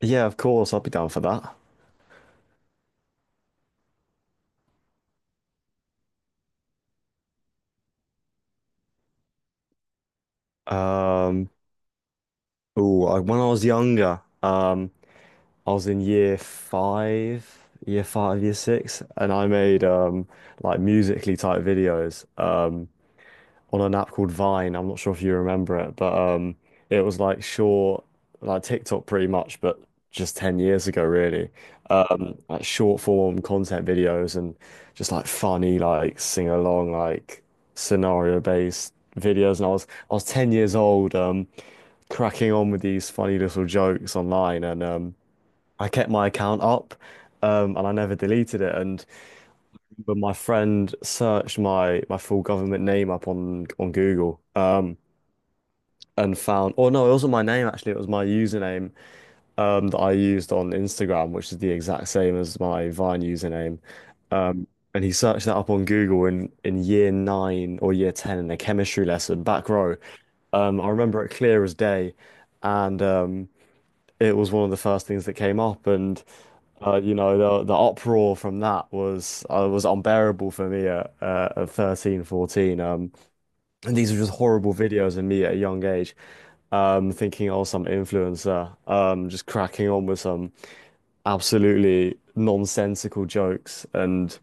Yeah, of course, I'd be down for that. Um, oh, I, when I was younger, I was in year 5, year 6, and I made like musically type videos. On an app called Vine. I'm not sure if you remember it, but it was like short, like TikTok pretty much, but just 10 years ago, really. Like short form content videos and just like funny, like sing along, like scenario based videos. And I was 10 years old, cracking on with these funny little jokes online, and I kept my account up. And I never deleted it. And But my friend searched my full government name up on Google. And found, oh no, it wasn't my name actually, it was my username that I used on Instagram, which is the exact same as my Vine username. Um, and he searched that up on Google in year 9 or year 10 in a chemistry lesson, back row. I remember it clear as day. And it was one of the first things that came up. You know, the uproar from that was unbearable for me at 13, 14. And these are just horrible videos of me at a young age, thinking, oh, some influencer, just cracking on with some absolutely nonsensical jokes and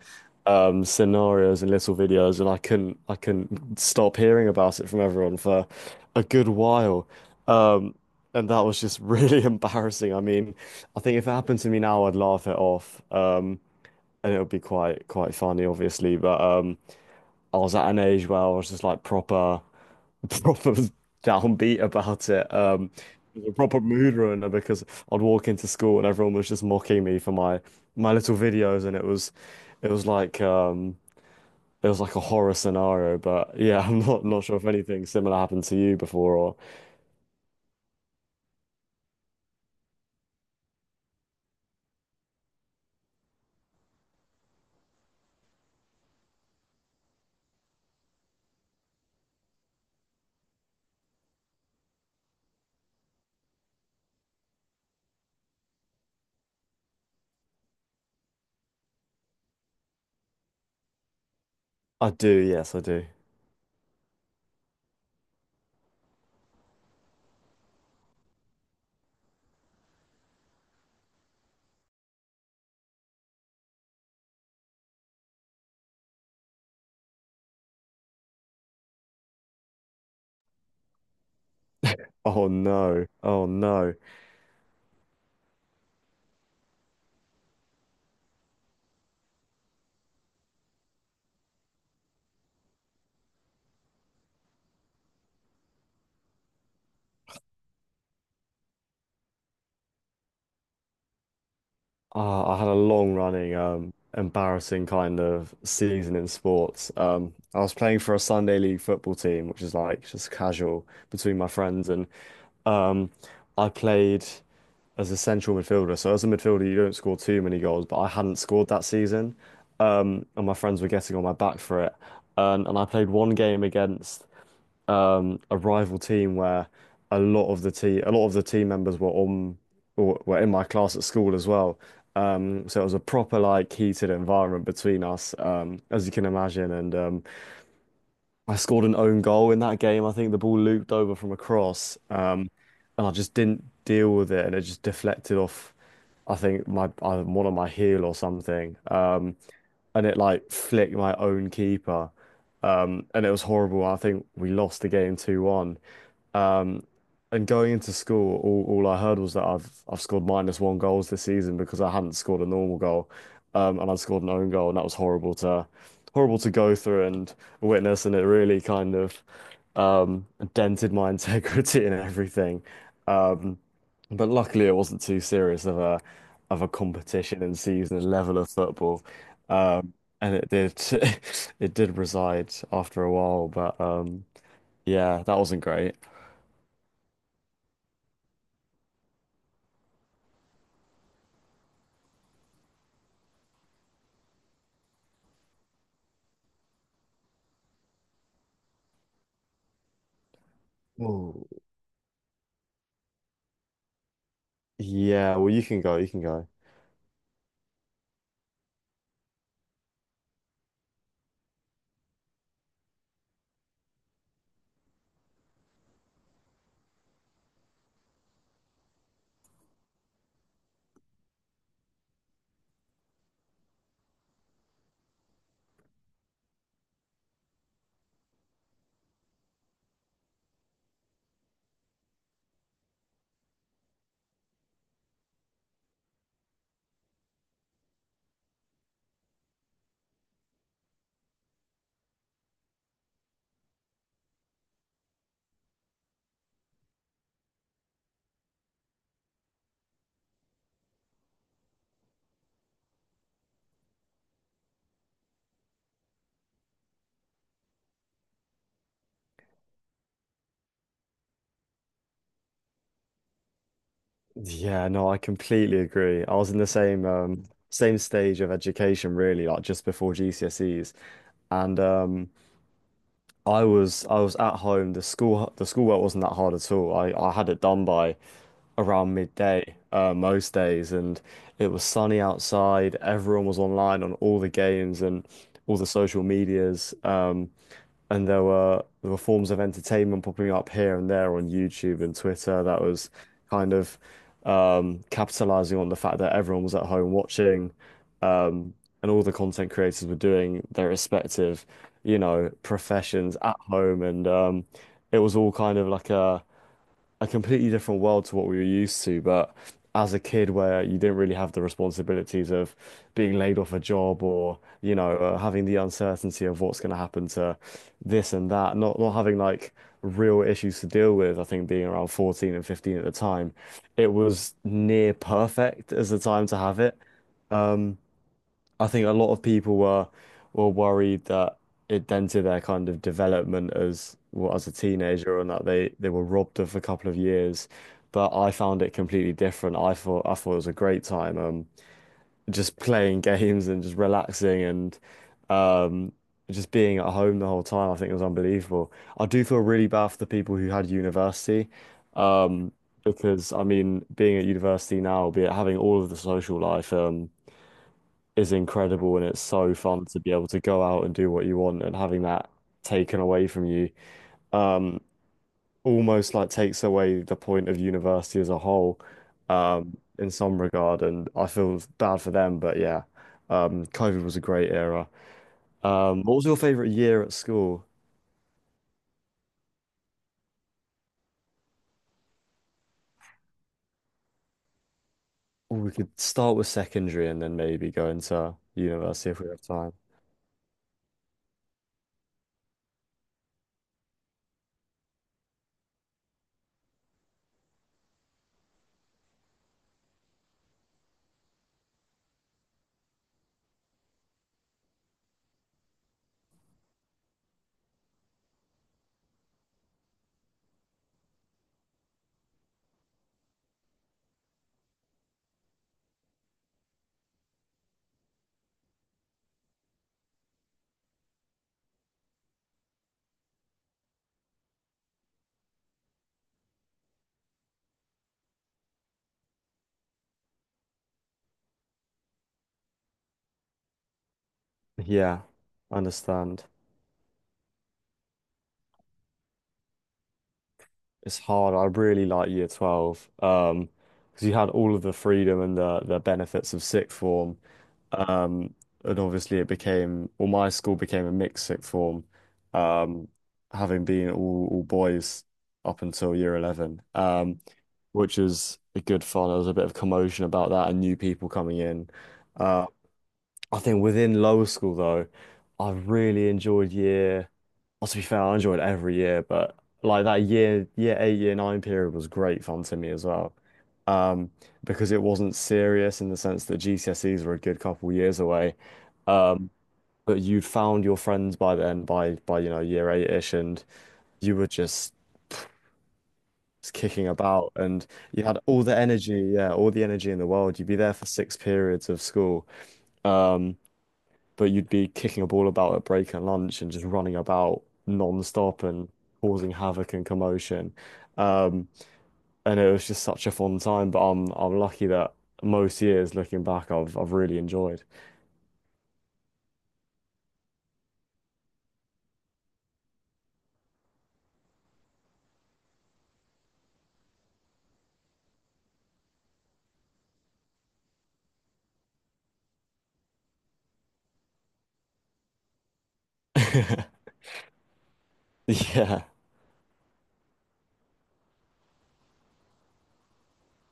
scenarios and little videos, and I couldn't stop hearing about it from everyone for a good while, um, and that was just really embarrassing. I mean, I think if it happened to me now, I'd laugh it off, and it would be quite funny, obviously, but I was at an age where I was just like proper. proper downbeat about it. It was a proper mood ruiner because I'd walk into school and everyone was just mocking me for my little videos, and it was like um, it was like a horror scenario. But yeah, I'm not sure if anything similar happened to you before, or I do. Yes, I do. Oh no! Oh no! Ah, I had a long running embarrassing kind of season in sports. I was playing for a Sunday league football team, which is like just casual between my friends, and Um, I played as a central midfielder. So as a midfielder, you don't score too many goals, but I hadn't scored that season. And my friends were getting on my back for it. And I played one game against a rival team where a lot of the team members were on or were in my class at school as well. So it was a proper like heated environment between us, as you can imagine. And I scored an own goal in that game. I think the ball looped over from a cross, and I just didn't deal with it, and it just deflected off. I think my one of my heel or something, and it like flicked my own keeper, and it was horrible. I think we lost the game 2-1. And going into school, all I heard was that I've scored minus one goals this season because I hadn't scored a normal goal, and I'd scored an own goal, and that was horrible to go through and witness, and it really kind of um, dented my integrity and everything. Um, but luckily, it wasn't too serious of a competition and season and level of football, um, and it did it did reside after a while, but yeah, that wasn't great. Oh. Yeah, well, you can go, you can go. Yeah, no, I completely agree. I was in the same stage of education really, like just before GCSEs. And I was at home. The schoolwork wasn't that hard at all. I had it done by around midday, most days, and it was sunny outside. Everyone was online on all the games and all the social medias. And there were forms of entertainment popping up here and there on YouTube and Twitter that was kind of capitalizing on the fact that everyone was at home watching, um, and all the content creators were doing their respective, you know, professions at home, and it was all kind of like a completely different world to what we were used to. But as a kid, where you didn't really have the responsibilities of being laid off a job or, you know, having the uncertainty of what's going to happen to this and that, not having like real issues to deal with. I think being around 14 and 15 at the time, it was near perfect as the time to have it. Um, I think a lot of people were worried that it dented their kind of development as well, as a teenager and that they were robbed of a couple of years. But I found it completely different. I thought it was a great time, just playing games and just relaxing and um, just being at home the whole time. I think it was unbelievable. I do feel really bad for the people who had university, um, because I mean, being at university now, be it having all of the social life, is incredible, and it's so fun to be able to go out and do what you want, and having that taken away from you um almost like takes away the point of university as a whole in some regard, and I feel bad for them. But yeah, COVID was a great era. What was your favorite year at school? Ooh, we could start with secondary and then maybe go into university if we have time. Yeah, understand. It's hard. I really like year 12 because you had all of the freedom and the benefits of sixth form, um and obviously it became well, my school became a mixed sixth form, um having been all boys up until year 11, which is a good fun. There was a bit of commotion about that and new people coming in. Uh, I think within lower school though, I really enjoyed year. Well, to be fair, I enjoyed every year, but like that year, year 8, year 9 period was great fun to me as well. Um, because it wasn't serious in the sense that GCSEs were a good couple years away. Mm. But you'd found your friends by then, by you know, year 8-ish, and you were just kicking about, and you had all the energy, yeah, all the energy in the world. You'd be there for six periods of school. Um, but you'd be kicking a ball about at break and lunch and just running about non-stop and causing havoc and commotion. Um, and it was just such a fun time, but I'm lucky that most years looking back I've really enjoyed. Yeah.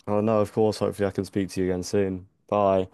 Oh no, of course, hopefully I can speak to you again soon. Bye.